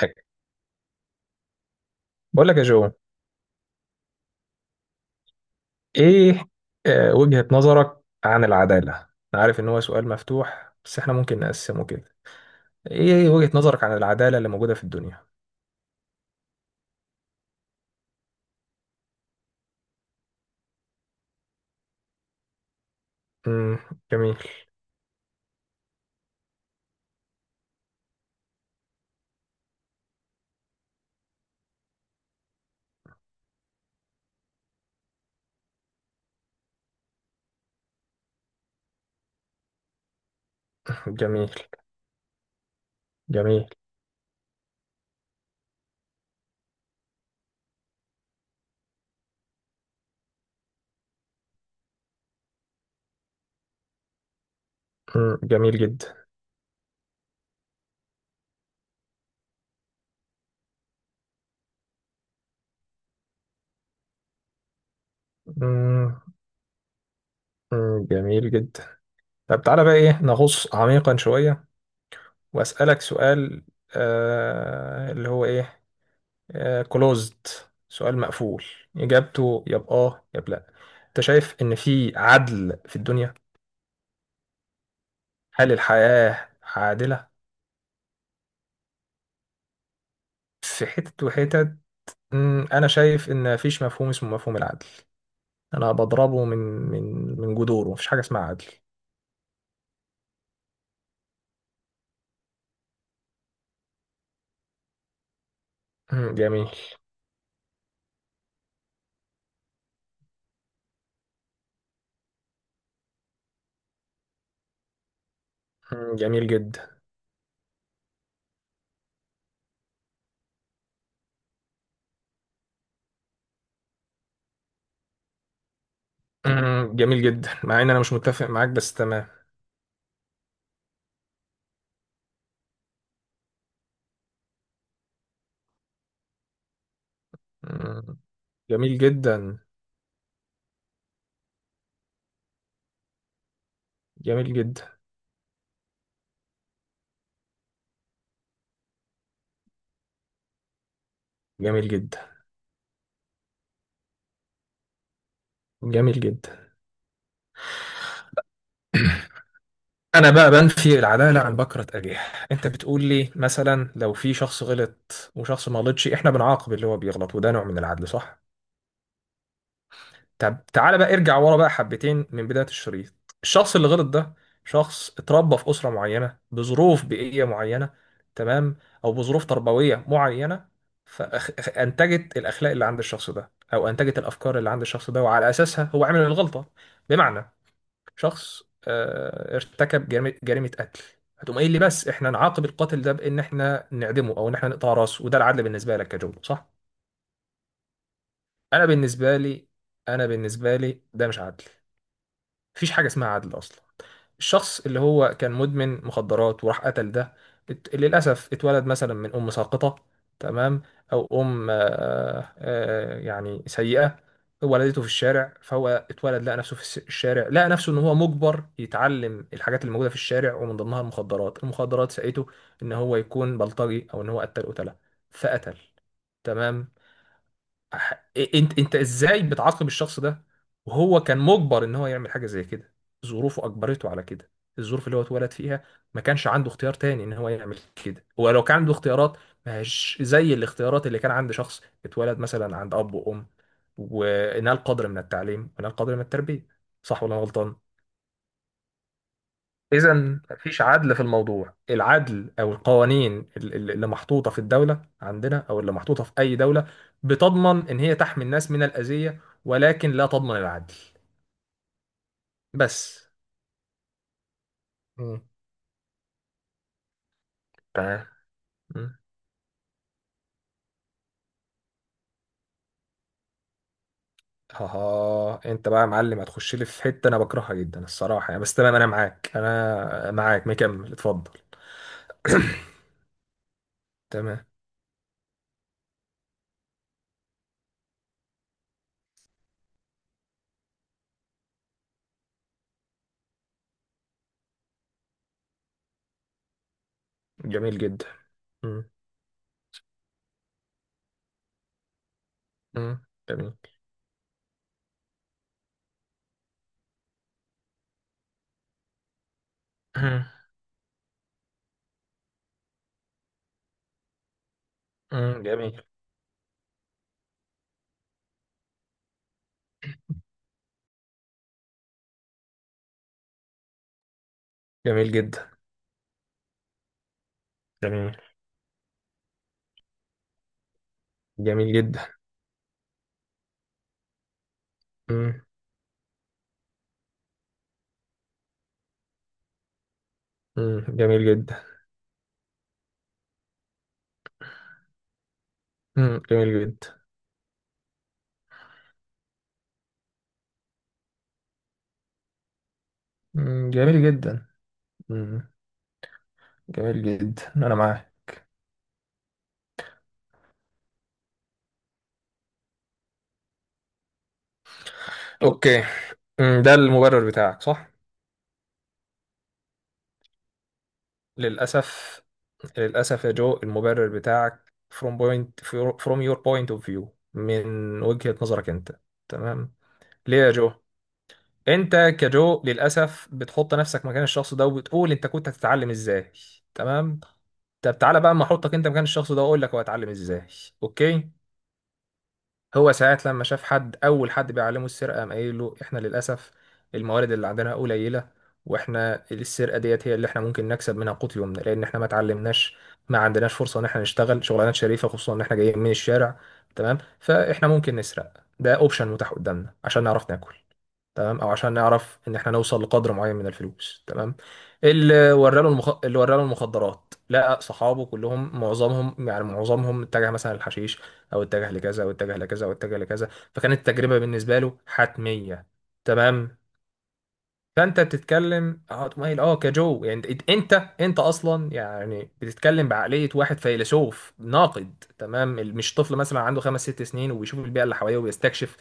حاجة. بقول لك يا جو. ايه، آه، وجهة نظرك عن العدالة. انا عارف ان هو سؤال مفتوح بس احنا ممكن نقسمه كده. ايه، وجهة نظرك عن العدالة اللي موجودة في الدنيا. امم جميل. جميل. جميل. جميل جدا. مم. جميل جدا. طب تعالى بقى، ايه، نغوص عميقا شوية واسألك سؤال. آه، اللي هو ايه، كلوزد، سؤال مقفول، اجابته يا بآه يا بلا. انت شايف ان في عدل في الدنيا؟ هل الحياة عادلة؟ في حتت وحتت. أنا شايف إن مفيش مفهوم اسمه مفهوم العدل. أنا بضربه من من جذوره. مفيش حاجة اسمها عدل. جميل. جميل جدا. جميل جدا مع إن أنا مش متفق معاك بس تمام. مم، جميل جدا. جميل جدا. جميل جدا. جميل جدا. أنا بقى بنفي العدالة عن بكرة أجيال. أنت بتقول لي مثلا لو في شخص غلط وشخص ما غلطش، إحنا بنعاقب اللي هو بيغلط وده نوع من العدل، صح؟ طب تعالى بقى ارجع ورا بقى حبتين من بداية الشريط. الشخص اللي غلط ده، شخص اتربى في أسرة معينة بظروف بيئية معينة، تمام، أو بظروف تربوية معينة، فأنتجت الأخلاق اللي عند الشخص ده أو أنتجت الأفكار اللي عند الشخص ده وعلى أساسها هو عمل الغلطة. بمعنى، شخص، ارتكب جريمة، جريمة قتل. هتقوم قايل لي بس احنا نعاقب القاتل ده بإن احنا نعدمه أو إن احنا نقطع راسه وده العدل بالنسبة لك يا جمله، صح؟ أنا بالنسبة لي، أنا بالنسبة لي ده مش عدل. مفيش حاجة اسمها عدل أصلا. الشخص اللي هو كان مدمن مخدرات وراح قتل ده، للأسف اتولد مثلا من أم ساقطة، تمام، أو أم، يعني سيئة، ولدته في الشارع، فهو اتولد لقى نفسه في الشارع، لقى نفسه إن هو مجبر يتعلم الحاجات اللي موجودة في الشارع ومن ضمنها المخدرات المخدرات سقته إن هو يكون بلطجي أو إن هو قتل قتلة، فقتل. تمام. أح- انت ازاي بتعاقب الشخص ده وهو كان مجبر ان هو يعمل حاجه زي كده؟ ظروفه اجبرته على كده، الظروف اللي هو اتولد فيها. ما كانش عنده اختيار تاني ان هو يعمل كده. هو لو كان عنده اختيارات مش زي الاختيارات اللي كان عند شخص اتولد مثلا عند اب وام ونال قدر من التعليم ونال قدر من التربيه. صح ولا أنا غلطان؟ إذا مفيش عدل في الموضوع. العدل أو القوانين اللي محطوطة في الدولة عندنا أو اللي محطوطة في أي دولة، بتضمن إن هي تحمي الناس من الأذية ولكن لا تضمن العدل. بس. مم. تمام. مم. ها انت بقى يا معلم، هتخش لي في حته انا بكرهها جدا الصراحه يعني، بس تمام، انا معاك، انا معاك مكمل، اتفضل. تمام. جميل جدا. مم. مم. جميل. مم. مم. جميل. جميل جدا. جميل. جميل جدا. مم، جميل جدا. مم، جميل جدا. مم، جميل جدا. مم، جميل جدا انا معاك. اوكي. مم، ده المبرر بتاعك، صح. للاسف، للاسف يا جو المبرر بتاعك from point, from your point of view, من وجهة نظرك انت. تمام. ليه يا جو؟ انت كجو للاسف بتحط نفسك مكان الشخص ده وبتقول انت كنت هتتعلم ازاي. تمام. طب تعالى بقى اما احطك انت مكان الشخص ده واقول لك هو هيتعلم ازاي. اوكي. هو ساعات لما شاف حد، اول حد بيعلمه السرقه، قام قايل له احنا للاسف الموارد اللي عندنا قليله، واحنا السرقه ديت هي اللي احنا ممكن نكسب منها قوت يومنا لان احنا ما اتعلمناش، ما عندناش فرصه ان احنا نشتغل شغلانات شريفه خصوصا ان احنا جايين من الشارع. تمام. فاحنا ممكن نسرق. ده اوبشن متاح قدامنا عشان نعرف ناكل. تمام، او عشان نعرف ان احنا نوصل لقدر معين من الفلوس. تمام. اللي وراله اللي وراله المخدرات، لقى صحابه كلهم، معظمهم، يعني معظمهم اتجه مثلا للحشيش او اتجه لكذا او اتجه لكذا او اتجه لكذا. فكانت التجربه بالنسبه له حتميه. تمام. فانت بتتكلم اه، مايل اه كجو، يعني انت اصلا يعني بتتكلم بعقليه واحد فيلسوف ناقد. تمام. مش طفل مثلا عنده 5 6 سنين وبيشوف البيئه اللي حواليه وبيستكشف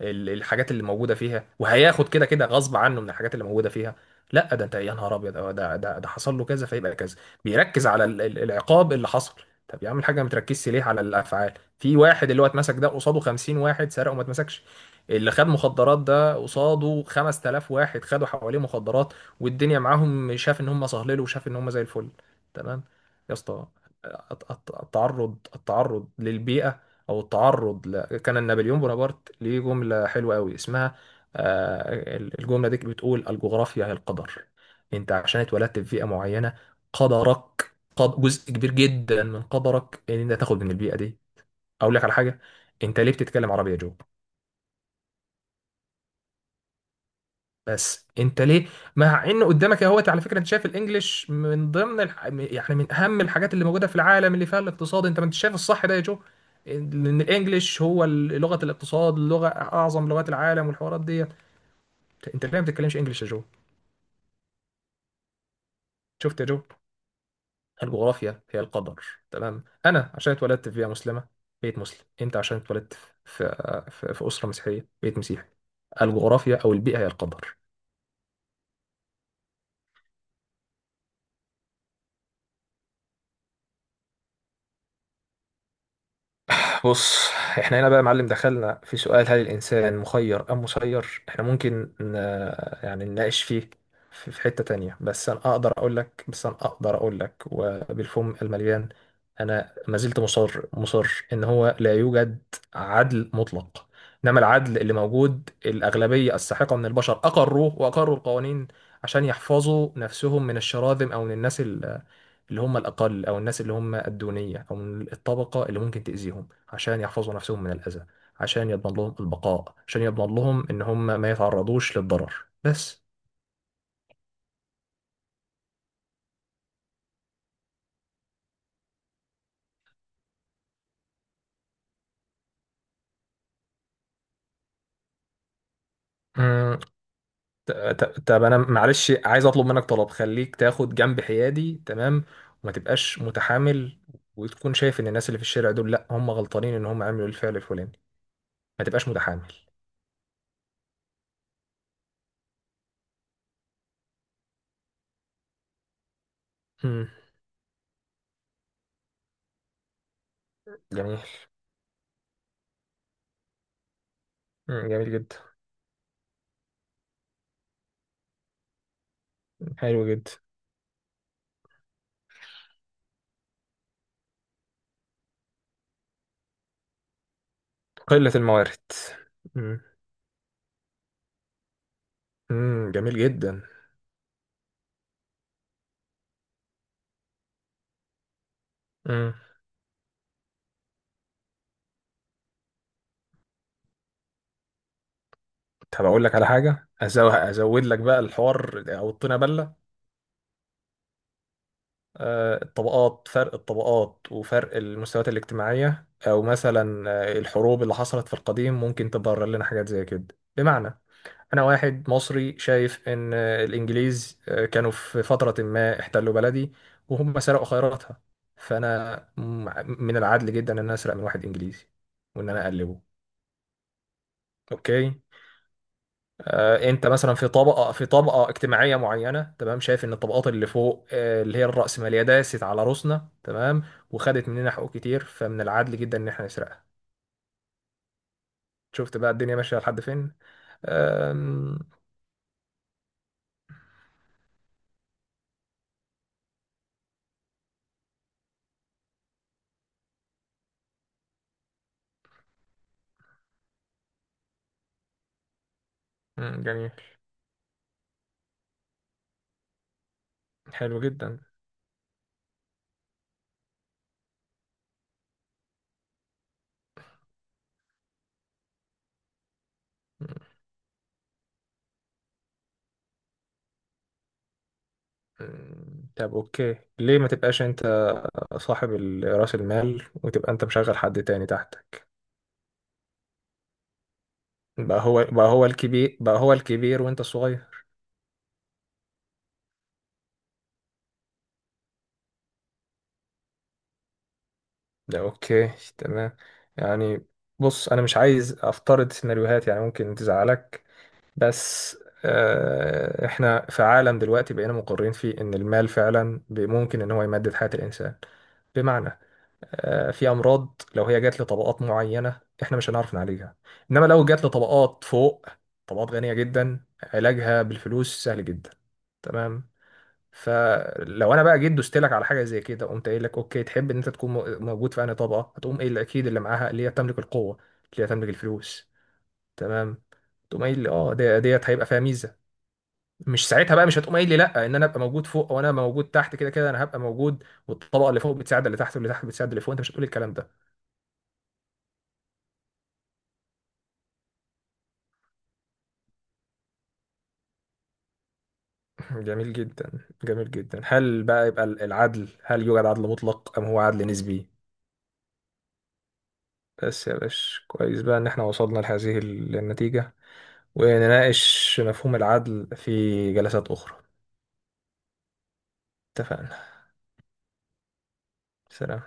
الحاجات اللي موجوده فيها، وهياخد كده كده غصب عنه من الحاجات اللي موجوده فيها. لا ده انت يا نهار ابيض، اه، ده حصل له كذا فيبقى كذا. بيركز على العقاب اللي حصل. طب يا عم الحاجه، ما تركزش ليه على الافعال؟ في واحد اللي هو اتمسك ده، قصاده 50 واحد سرق وما اتمسكش. اللي خد مخدرات ده، قصاده 5000 واحد خدوا حواليه مخدرات والدنيا معاهم، شاف ان هم صهللوا وشاف ان هم زي الفل. تمام. يا اسطى، التعرض للبيئة، او التعرض كان نابليون بونابرت ليه جملة حلوة قوي اسمها، الجملة دي بتقول الجغرافيا هي القدر. انت عشان اتولدت في بيئة معينة، قدرك، جزء كبير جدا من قدرك ان انت تاخد من البيئة دي. اقول لك على حاجة، انت ليه بتتكلم عربي يا جو؟ بس انت ليه؟ مع ان قدامك اهوت، على فكره انت شايف الانجليش من ضمن يعني من اهم الحاجات اللي موجوده في العالم اللي فيها الاقتصاد، انت ما انت شايف الصح ده يا جو، لان الانجليش هو لغه الاقتصاد، لغه اعظم لغات العالم والحوارات دي. انت ليه ما بتتكلمش انجليش يا جو؟ شفت يا جو، الجغرافيا هي القدر. تمام. انا عشان اتولدت في بيئه مسلمه، بيت مسلم. انت عشان اتولدت في، في اسره مسيحيه، بيت مسيحي. الجغرافيا او البيئه هي القدر. بص، احنا هنا بقى يا معلم دخلنا في سؤال هل الإنسان مخير أم مسير. احنا ممكن يعني نناقش فيه في، في حتة تانية. بس أنا أقدر أقول لك، وبالفم المليان، أنا ما زلت مصر إن هو لا يوجد عدل مطلق. إنما العدل اللي موجود، الأغلبية الساحقة من البشر أقروه وأقروا القوانين عشان يحفظوا نفسهم من الشراذم أو من الناس اللي هم الأقل أو الناس اللي هم الدونية أو من الطبقة اللي ممكن تأذيهم، عشان يحفظوا نفسهم من الأذى، عشان يضمن لهم البقاء، عشان يضمن لهم إن هم ما يتعرضوش للضرر. بس. مم، طب أنا معلش عايز أطلب منك طلب، خليك تاخد جنب حيادي تمام، وما تبقاش متحامل، وتكون شايف إن الناس اللي في الشارع دول لأ هم غلطانين إن هم عملوا الفعل الفلاني. ما تبقاش متحامل. مم، جميل. مم، جميل جدا. حلو جدا. قلة الموارد. مم. جميل جدا. امم. طب اقول لك على حاجه، ازود لك بقى الحوار او الطينه بله. الطبقات، فرق الطبقات وفرق المستويات الاجتماعيه، او مثلا، الحروب اللي حصلت في القديم ممكن تبرر لنا حاجات زي كده. بمعنى، انا واحد مصري شايف ان، الانجليز، كانوا في فتره ما احتلوا بلدي وهم سرقوا خيراتها، فانا من العدل جدا ان انا اسرق من واحد انجليزي وان انا اقلبه. اوكي. انت مثلا في طبقه اجتماعيه معينه، تمام، شايف ان الطبقات اللي فوق، اللي هي الرأسماليه داست على روسنا، تمام، وخدت مننا حقوق كتير، فمن العدل جدا ان احنا نسرقها. شفت بقى الدنيا ماشيه لحد فين. آم، مم، جميل. حلو جدا. مم، طب اوكي، ليه ما تبقاش انت صاحب راس المال وتبقى انت مشغل حد تاني تحتك؟ بقى هو الكبير وانت الصغير. ده اوكي. تمام. يعني، بص، انا مش عايز افترض سيناريوهات يعني ممكن تزعلك، بس، احنا في عالم دلوقتي بقينا مقرين فيه ان المال فعلا ممكن ان هو يمدد حياة الانسان. بمعنى، في امراض لو هي جات لطبقات معينة احنا مش هنعرف نعالجها، انما لو جات لطبقات فوق، طبقات غنية جدا، علاجها بالفلوس سهل جدا. تمام. فلو انا بقى جيت دوست لك على حاجه زي كده، قمت قايل لك اوكي تحب ان انت تكون موجود في انهي طبقه، هتقوم قايل لي اكيد اللي معاها، اللي هي تملك القوه، اللي هي تملك الفلوس. تمام. تقوم قايل لي اه ديت هيبقى فيها ميزه. مش ساعتها بقى مش هتقوم قايل لي لا ان انا ابقى موجود فوق او انا أبقى موجود تحت، كده كده انا هبقى موجود والطبقه اللي فوق بتساعد اللي تحت واللي تحت بتساعد اللي فوق. انت مش هتقول الكلام ده. جميل جدا. جميل جدا. هل بقى يبقى العدل، هل يوجد عدل مطلق ام هو عدل نسبي؟ بس يا باشا كويس بقى ان احنا وصلنا لهذه النتيجه، ونناقش مفهوم العدل في جلسات أخرى. اتفقنا. سلام.